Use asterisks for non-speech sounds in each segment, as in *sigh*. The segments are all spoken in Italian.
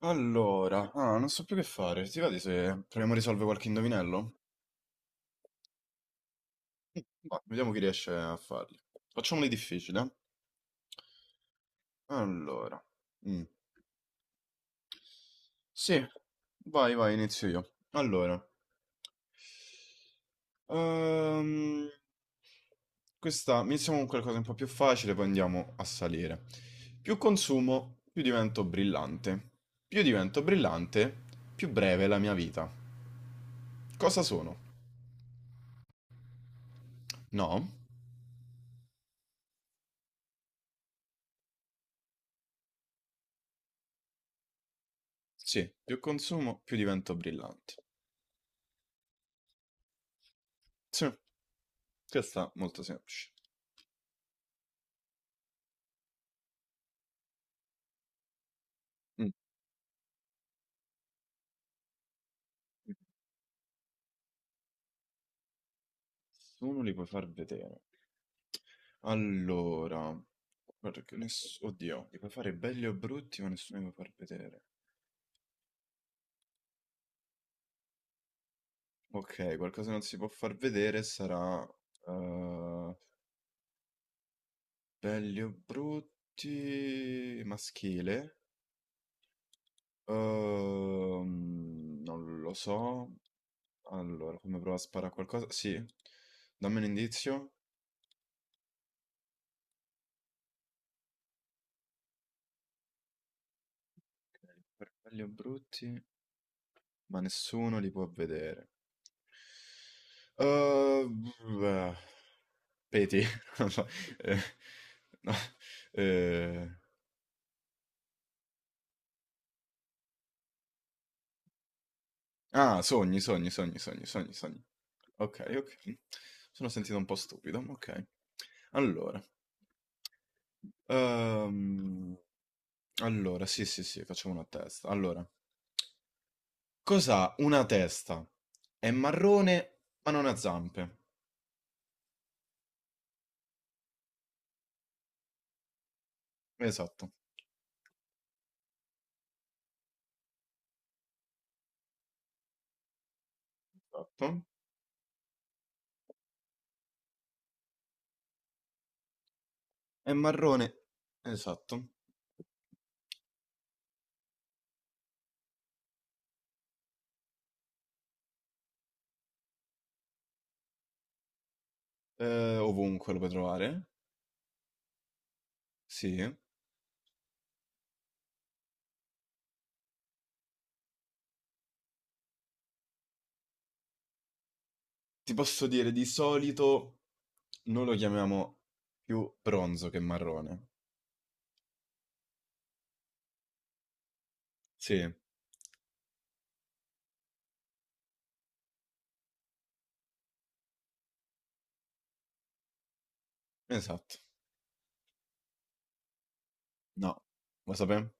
Allora, non so più che fare. Ti va di se proviamo a risolvere qualche indovinello? Vediamo chi riesce a farli. Facciamoli difficili, eh? Allora. mm. Sì, vai, inizio io. Allora. Ehm, Questa, iniziamo con qualcosa un po' più facile, poi andiamo a salire. Più consumo, più divento brillante. Più divento brillante, più breve è la mia vita. Cosa sono? No? Sì, più consumo, più diventa brillante. Sì, questa è molto semplice. Mm. mm. Nessuno li puoi far vedere. Allora, Oddio, li puoi fare belli o brutti, ma nessuno li può far vedere. Ok, qualcosa che non si può far vedere sarà... eh, belli o brutti... maschile. Non lo so. Allora, come prova a sparare a qualcosa? Sì. Dammi un indizio. Belli o brutti, ma nessuno li può vedere. Uh, Peti. *laughs* Non so, eh, no, eh, ah, sogni. Ok, ok. Sono sentito un po' stupido, ma ok. Allora. ehm, allora, sì, sì, sì, facciamo una testa. Allora, cos'ha una testa? È marrone, ma non ha zampe. Esatto. Esatto. È marrone, esatto. Ovunque lo puoi trovare, sì. Ti posso dire, di solito noi lo chiamiamo più bronzo che marrone. Sì, esatto. No, lo sapevo.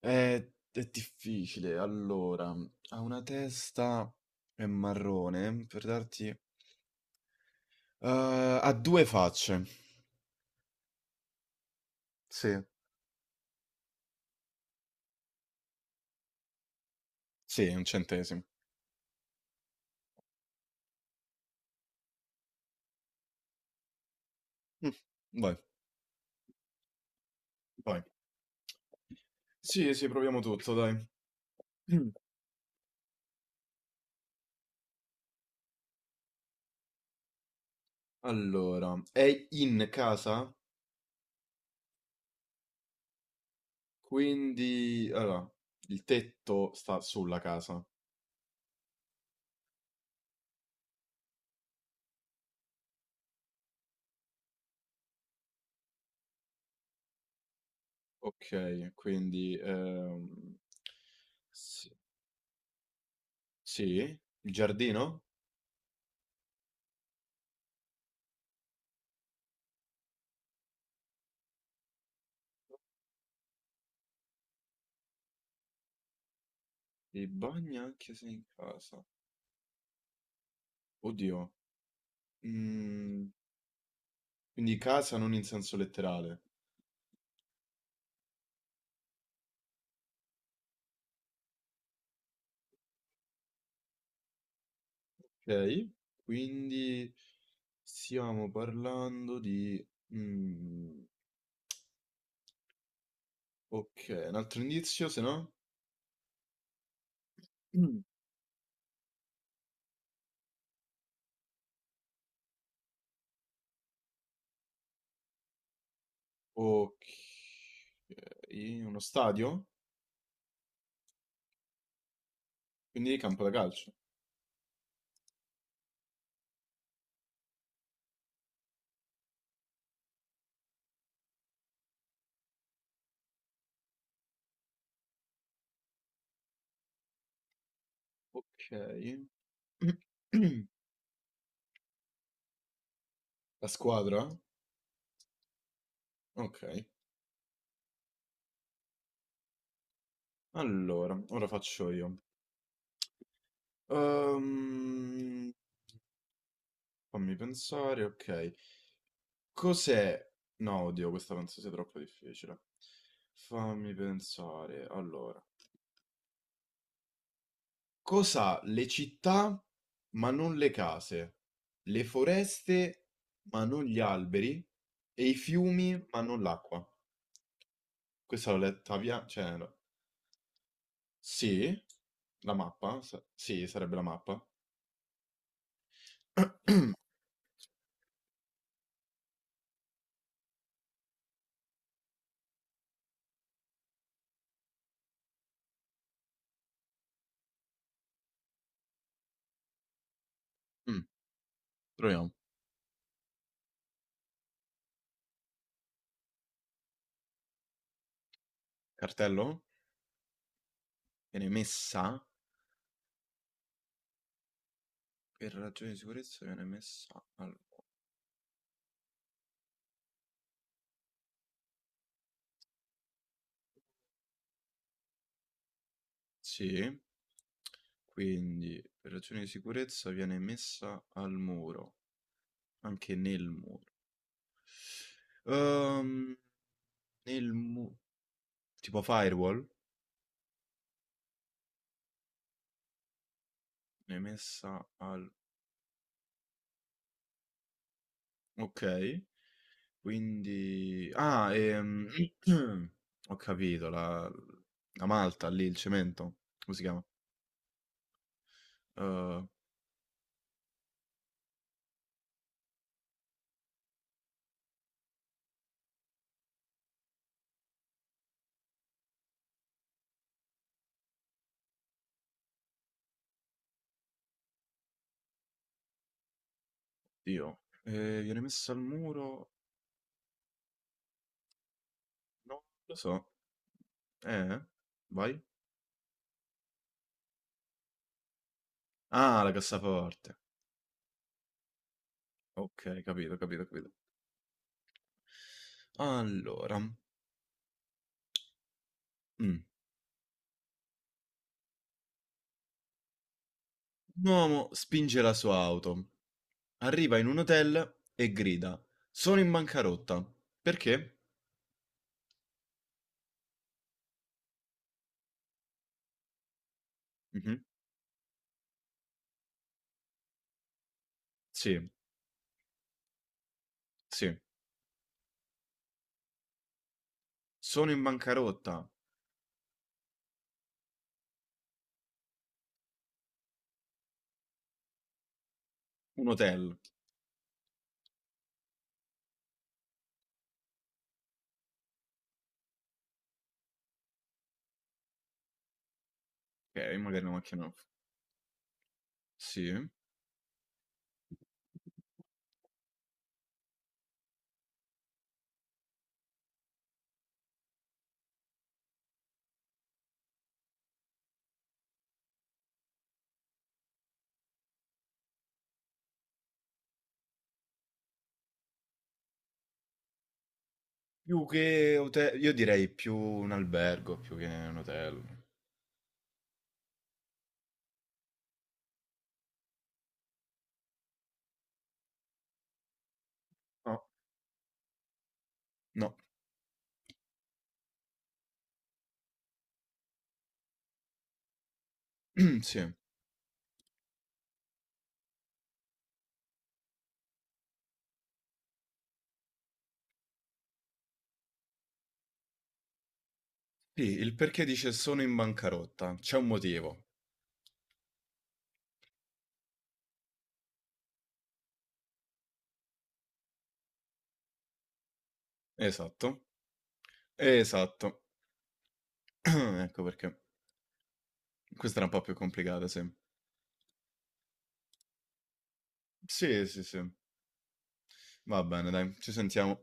È difficile. Allora, ha una testa, è marrone, per darti... ha due facce. Sì. Sì, è un centesimo. Mm. Vai, vai. Sì, sì, proviamo tutto, dai. *clears throat* Allora, è in casa, quindi allora, il tetto sta sulla casa. Ok, quindi s- sì, il giardino? Il bagno anche se in casa. Oddio. mm, quindi casa non in senso letterale. Ok, quindi stiamo parlando di... mm, ok, un altro indizio, se no? Mm. Ok. In uno stadio? Quindi campo da calcio. Ok. *clears throat* La squadra? Ok. Allora, ora faccio io. Ehm, Fammi pensare, ok. Cos'è? No, oddio, questa penso sia troppo difficile. Fammi pensare. Allora, cos'ha le città ma non le case? Le foreste ma non gli alberi? E i fiumi ma non l'acqua? Questa l'ho letta via, cioè, no. Sì? La mappa? S Sì, sarebbe la mappa. *coughs* *clears throat* Mh, proviamo. Cartello? Viene messa per ragioni di sicurezza viene messa al Sì, quindi per ragioni di sicurezza viene messa al muro, anche nel muro. Ehm, nel mu Tipo firewall? Viene messa al Okay, quindi *clears throat* ho capito, la malta lì, il cemento, come si chiama? Uhm, Dio, viene messa al muro? "No, non lo so. Eh? Vai. Ah, la cassaforte. Okay, capito, capito, capito. Allora, un uomo spinge la sua auto, arriva in un hotel e grida: "Sono in bancarotta." Perché? Mh-mh. Sì, sì. Sono in bancarotta. Un hotel, okay, magari una macchina off sì. Più che hote io direi più un albergo più che un hotel. No, no, *clears throat* sì. Sì, il perché dice: "Sono in bancarotta". C'è un motivo. Esatto, esatto. *clears throat* Ecco perché. Questa era un po' più complicata, sì. Sì, sì, sì. Va bene dai, ci sentiamo.